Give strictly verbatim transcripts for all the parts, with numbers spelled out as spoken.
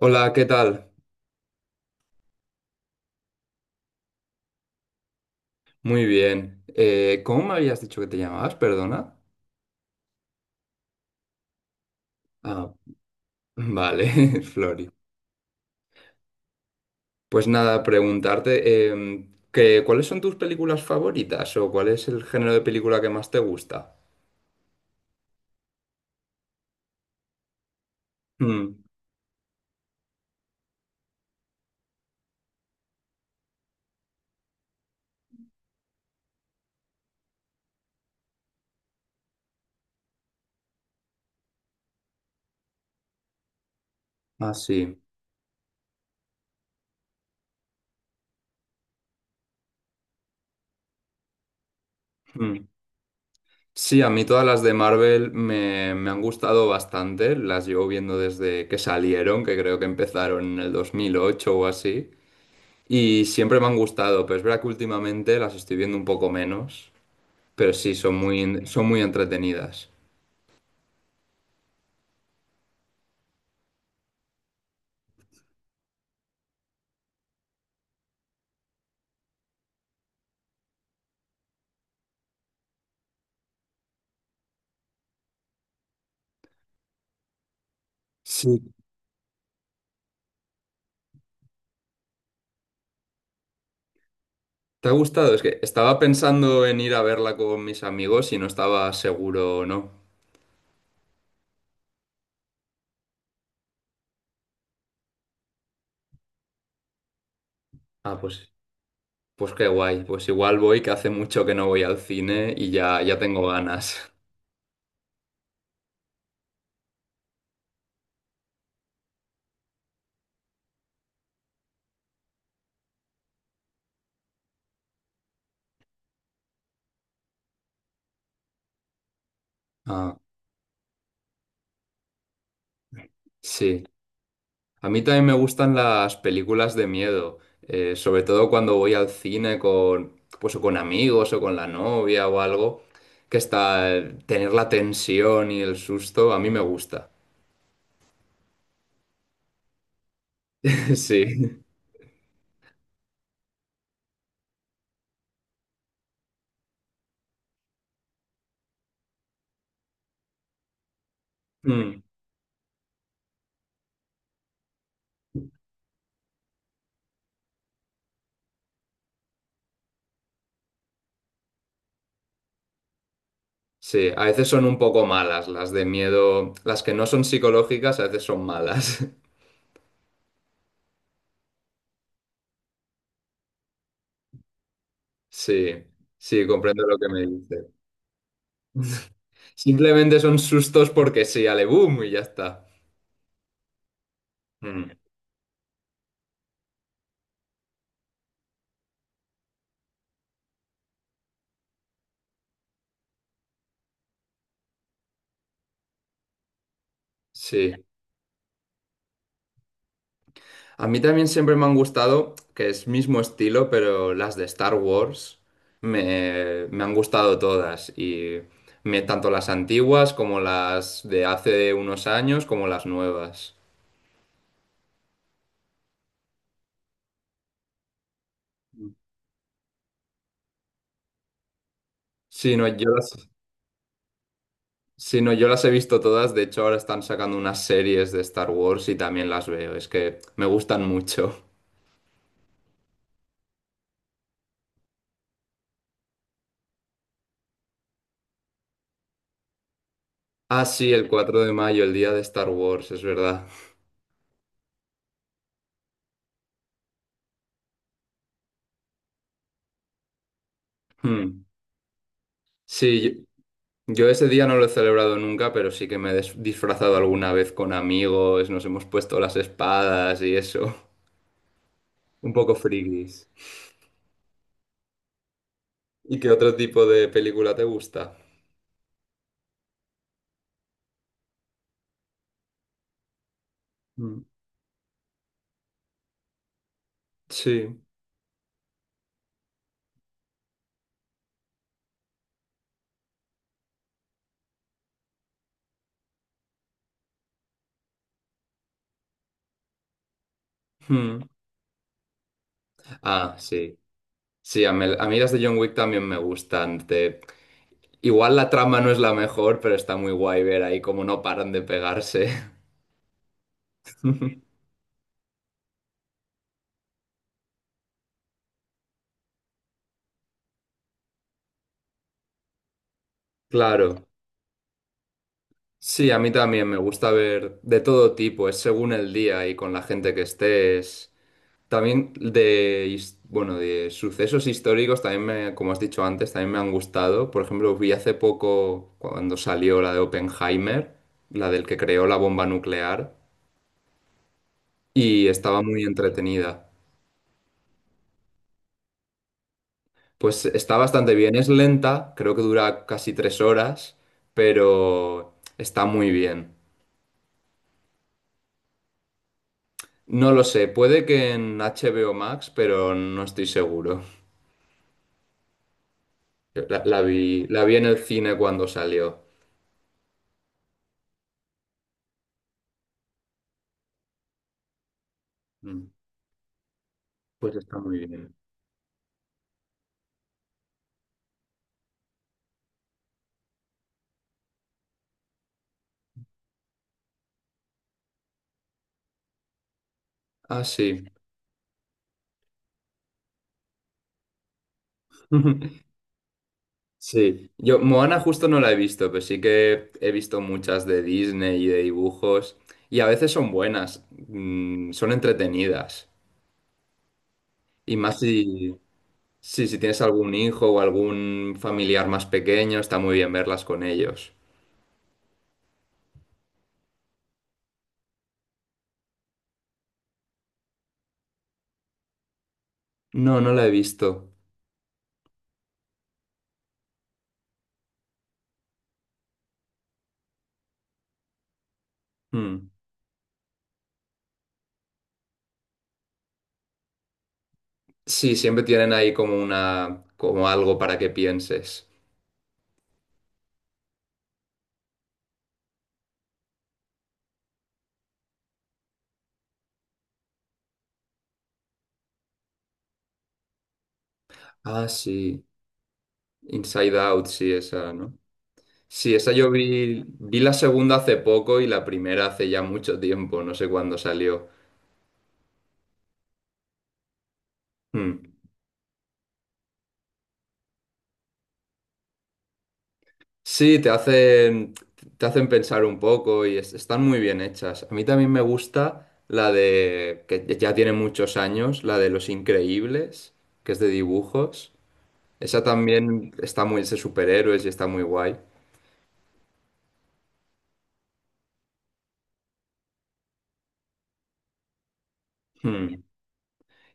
Hola, ¿qué tal? Muy bien. Eh, ¿cómo me habías dicho que te llamabas? Perdona. Ah, vale, Flori. Pues nada, preguntarte em, que, ¿cuáles son tus películas favoritas o cuál es el género de película que más te gusta? Mm. Ah, sí. Mm. Sí, a mí todas las de Marvel me, me han gustado bastante. Las llevo viendo desde que salieron, que creo que empezaron en el dos mil ocho o así. Y siempre me han gustado, pero es verdad que últimamente las estoy viendo un poco menos. Pero sí, son muy, son muy entretenidas. Sí. ¿Te ha gustado? Es que estaba pensando en ir a verla con mis amigos y no estaba seguro o no. Ah, pues, pues qué guay. Pues igual voy, que hace mucho que no voy al cine y ya, ya tengo ganas. Ah, sí. A mí también me gustan las películas de miedo, eh, sobre todo cuando voy al cine con, pues, o con amigos o con la novia o algo, que está eh, tener la tensión y el susto, a mí me gusta. Sí. Mm. Sí, a veces son un poco malas las de miedo. Las que no son psicológicas a veces son malas. Sí, sí, comprendo lo que me dices. Simplemente son sustos porque sí, ale boom y ya está. Mm, sí. A mí también siempre me han gustado, que es mismo estilo, pero las de Star Wars me, me han gustado todas. Y me, tanto las antiguas como las de hace unos años, como las nuevas. Sí, no, yo las... Sí, no, yo las he visto todas. De hecho, ahora están sacando unas series de Star Wars y también las veo. Es que me gustan mucho. Ah, sí, el cuatro de mayo, el día de Star Wars, es verdad. Hmm. Sí, yo, yo ese día no lo he celebrado nunca, pero sí que me he des- disfrazado alguna vez con amigos, nos hemos puesto las espadas y eso. Un poco frikis. ¿Y qué otro tipo de película te gusta? Mm. Sí. Mm. Ah, sí. Sí, a mí, a mí las de John Wick también me gustan. Te Igual la trama no es la mejor, pero está muy guay ver ahí cómo no paran de pegarse. Claro. Sí, a mí también me gusta ver de todo tipo, es según el día y con la gente que estés. También de, his- bueno, de sucesos históricos también me, como has dicho antes, también me han gustado. Por ejemplo, vi hace poco cuando salió la de Oppenheimer, la del que creó la bomba nuclear, y estaba muy entretenida. Pues está bastante bien, es lenta, creo que dura casi tres horas, pero está muy bien. No lo sé, puede que en H B O Max, pero no estoy seguro. La, la vi, la vi en el cine cuando salió. Mm. Pues está muy bien. Ah, sí. Sí. Yo, Moana justo no la he visto, pero sí que he visto muchas de Disney y de dibujos. Y a veces son buenas, mm, son entretenidas. Y más si, sí, si tienes algún hijo o algún familiar más pequeño, está muy bien verlas con ellos. No, no la he visto. Mm. Sí, siempre tienen ahí como una, como algo para que pienses. Ah, sí. Inside Out, sí, esa, ¿no? Sí, esa yo vi, vi la segunda hace poco y la primera hace ya mucho tiempo, no sé cuándo salió. Mm. Sí, te hacen, te hacen pensar un poco y es- están muy bien hechas. A mí también me gusta la de, que ya tiene muchos años, la de Los Increíbles, que es de dibujos. Esa también está muy, es de superhéroes y está muy guay. Hmm.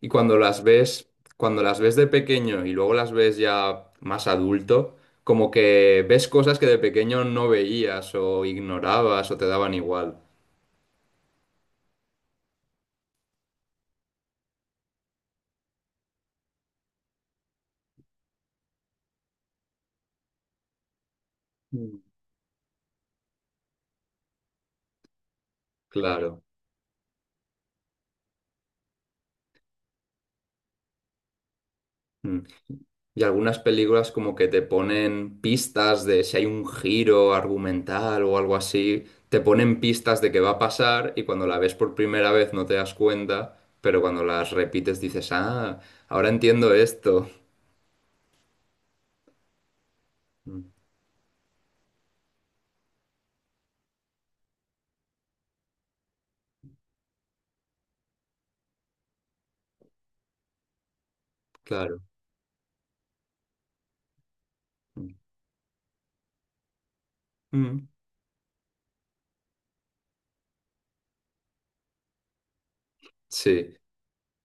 Y cuando las ves, cuando las ves de pequeño y luego las ves ya más adulto, como que ves cosas que de pequeño no veías o ignorabas o te daban igual. Mm. Claro. Hmm. Y algunas películas como que te ponen pistas de si hay un giro argumental o algo así, te ponen pistas de qué va a pasar y cuando la ves por primera vez no te das cuenta, pero cuando las repites dices, ah, ahora entiendo esto. Mm. Claro. Mm. Mm, sí.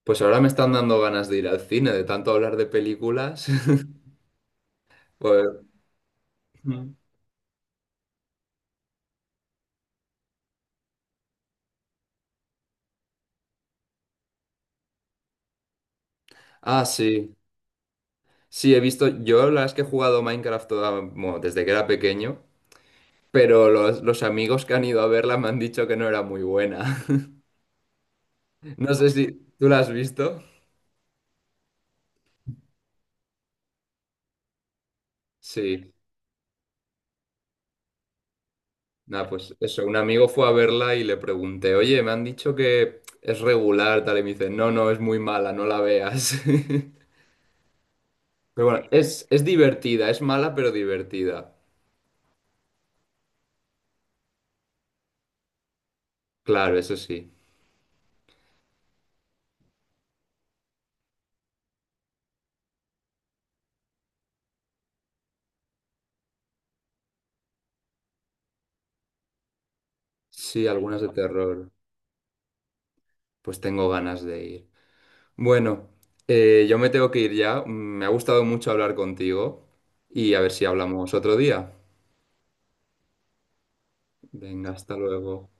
Pues ahora me están dando ganas de ir al cine, de tanto hablar de películas. Pues, mm, ah, sí. Sí, he visto, yo la verdad es que he jugado Minecraft toda- bueno, desde que era pequeño, pero los, los amigos que han ido a verla me han dicho que no era muy buena. No sé si tú la has visto. Sí, nada, pues eso, un amigo fue a verla y le pregunté, oye, me han dicho que es regular, tal, y me dice, no, no, es muy mala, no la veas. Pero bueno, es, es divertida, es mala pero divertida. Claro, eso sí. Sí, algunas de terror, pues tengo ganas de ir. Bueno, eh, yo me tengo que ir ya. Me ha gustado mucho hablar contigo y a ver si hablamos otro día. Venga, hasta luego.